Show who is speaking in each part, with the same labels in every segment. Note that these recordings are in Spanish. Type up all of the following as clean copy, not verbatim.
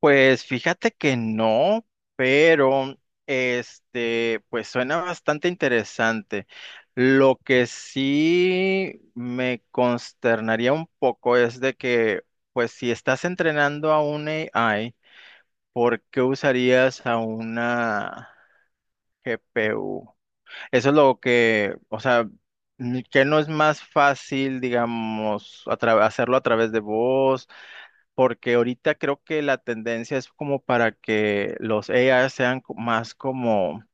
Speaker 1: Pues fíjate que no, pero pues suena bastante interesante. Lo que sí me consternaría un poco es de que, pues si estás entrenando a un AI, ¿por qué usarías a una GPU? Eso es lo que, o sea, que no es más fácil, digamos, hacerlo a través de voz porque ahorita creo que la tendencia es como para que los AI más como,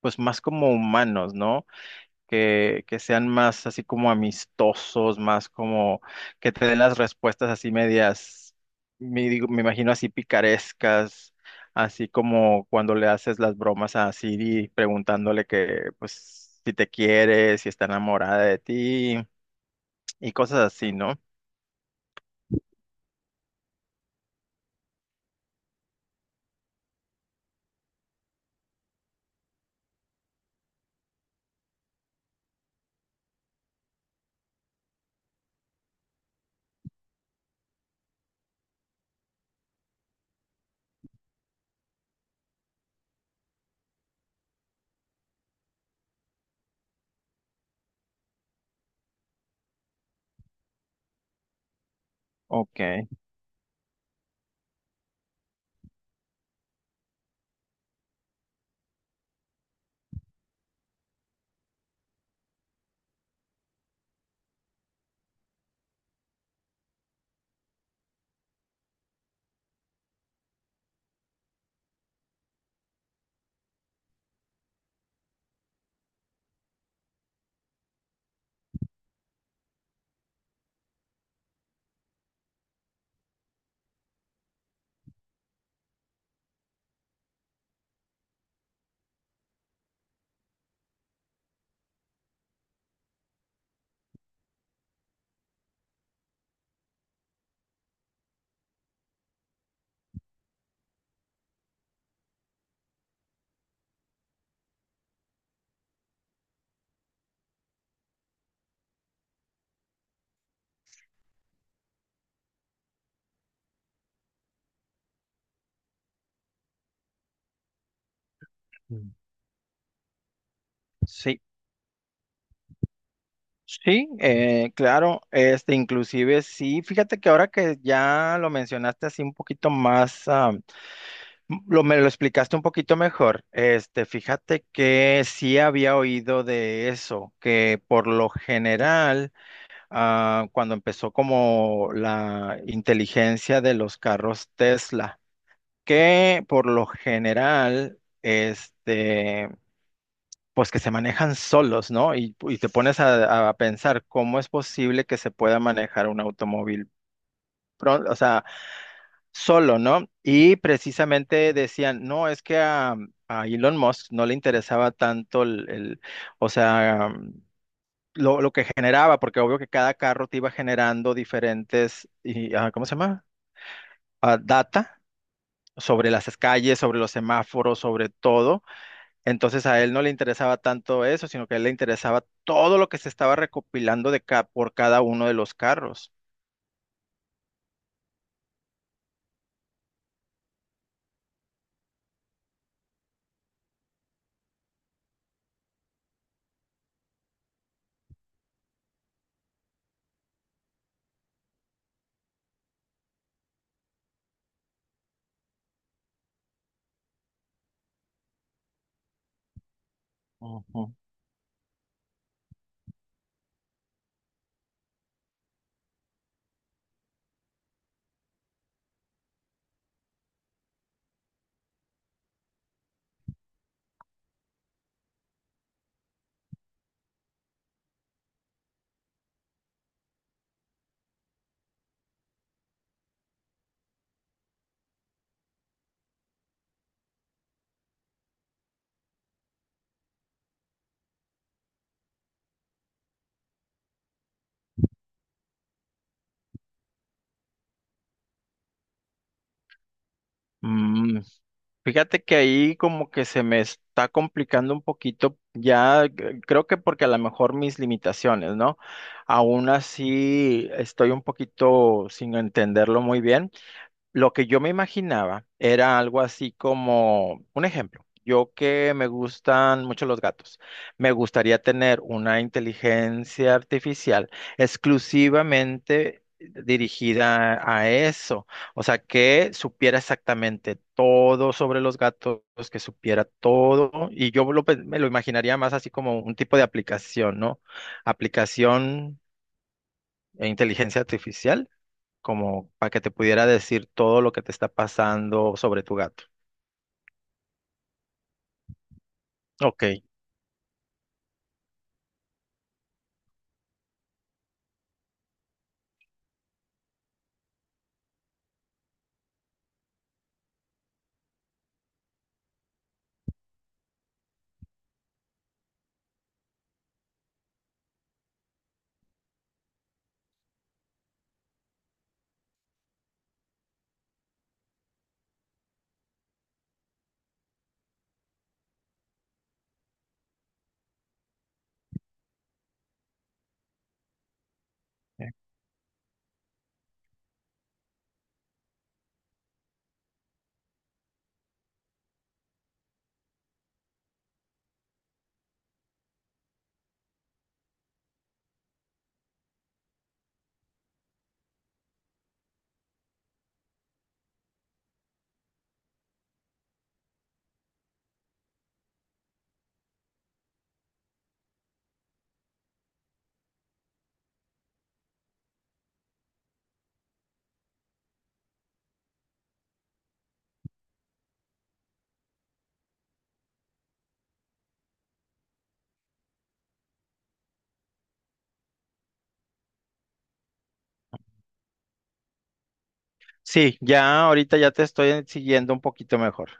Speaker 1: pues más como humanos, ¿no? Que sean más así como amistosos, más como que te den las respuestas así medias, me imagino así picarescas, así como cuando le haces las bromas a Siri preguntándole que, pues, si te quiere, si está enamorada de ti y cosas así, ¿no? Ok. Mm. Sí, sí, claro, inclusive sí, fíjate que ahora que ya lo mencionaste así un poquito más, me lo explicaste un poquito mejor, fíjate que sí había oído de eso, que por lo general, cuando empezó como la inteligencia de los carros Tesla, que por lo general, este pues que se manejan solos, ¿no? Y te pones a pensar cómo es posible que se pueda manejar un automóvil, o sea, solo, ¿no? Y precisamente decían, no, es que a Elon Musk no le interesaba tanto o sea, lo que generaba, porque obvio que cada carro te iba generando diferentes, y, ¿cómo se llama? Data sobre las calles, sobre los semáforos, sobre todo. Entonces a él no le interesaba tanto eso, sino que a él le interesaba todo lo que se estaba recopilando de por cada uno de los carros. Ujú. Mm, fíjate que ahí como que se me está complicando un poquito ya, creo que porque a lo mejor mis limitaciones, ¿no? Aún así estoy un poquito sin entenderlo muy bien. Lo que yo me imaginaba era algo así como, un ejemplo, yo que me gustan mucho los gatos, me gustaría tener una inteligencia artificial exclusivamente dirigida a eso, o sea, que supiera exactamente todo sobre los gatos, que supiera todo, y yo me lo imaginaría más así como un tipo de aplicación, ¿no? Aplicación e inteligencia artificial como para que te pudiera decir todo lo que te está pasando sobre tu gato. Ok. Sí, ya ahorita ya te estoy siguiendo un poquito mejor.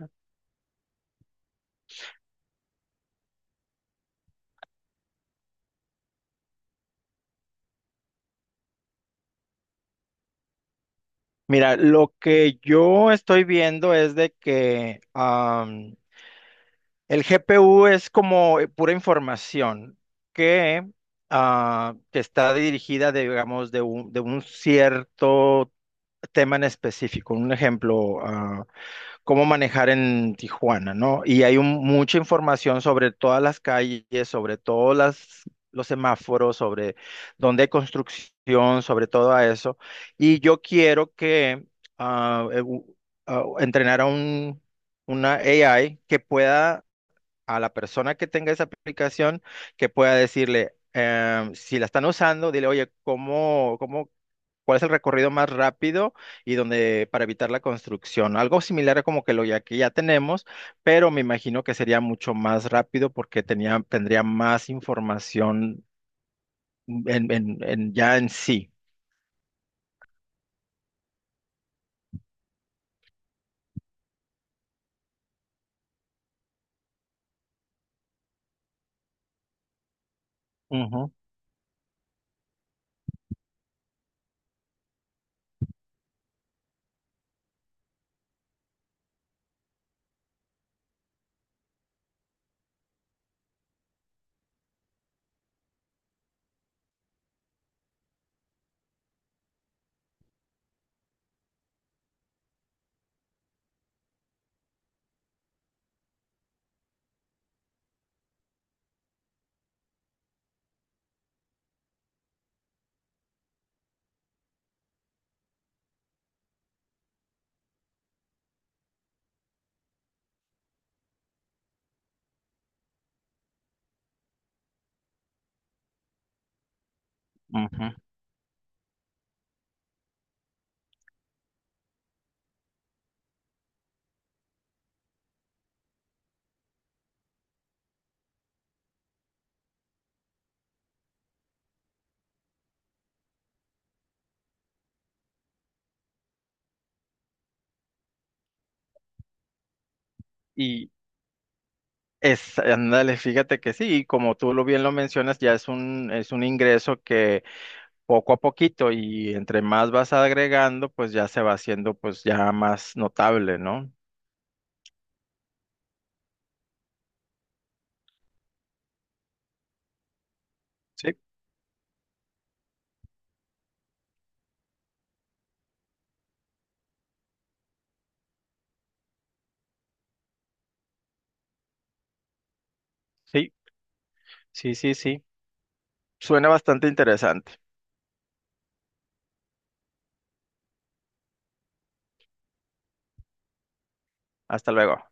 Speaker 1: Mira, lo que yo estoy viendo es de que am, el GPU es como pura información que, que está dirigida, digamos, de un cierto tema en específico. Un ejemplo, cómo manejar en Tijuana, ¿no? Y hay mucha información sobre todas las calles, sobre los semáforos, sobre dónde hay construcción, sobre todo a eso. Y yo quiero que ah, eh, u- entrenar una AI que pueda, a la persona que tenga esa aplicación, que pueda decirle, si la están usando, dile, oye, ¿cómo, cuál es el recorrido más rápido y donde para evitar la construcción? Algo similar a como que lo ya que ya tenemos, pero me imagino que sería mucho más rápido porque tendría más información ya en sí. Ujú, ujú. Y ándale, fíjate que sí, y como tú lo bien lo mencionas, ya es un ingreso que poco a poquito y entre más vas agregando, pues ya se va haciendo pues ya más notable, ¿no? Sí, sí, sí, sí, sí. Suena bastante interesante. Hasta luego.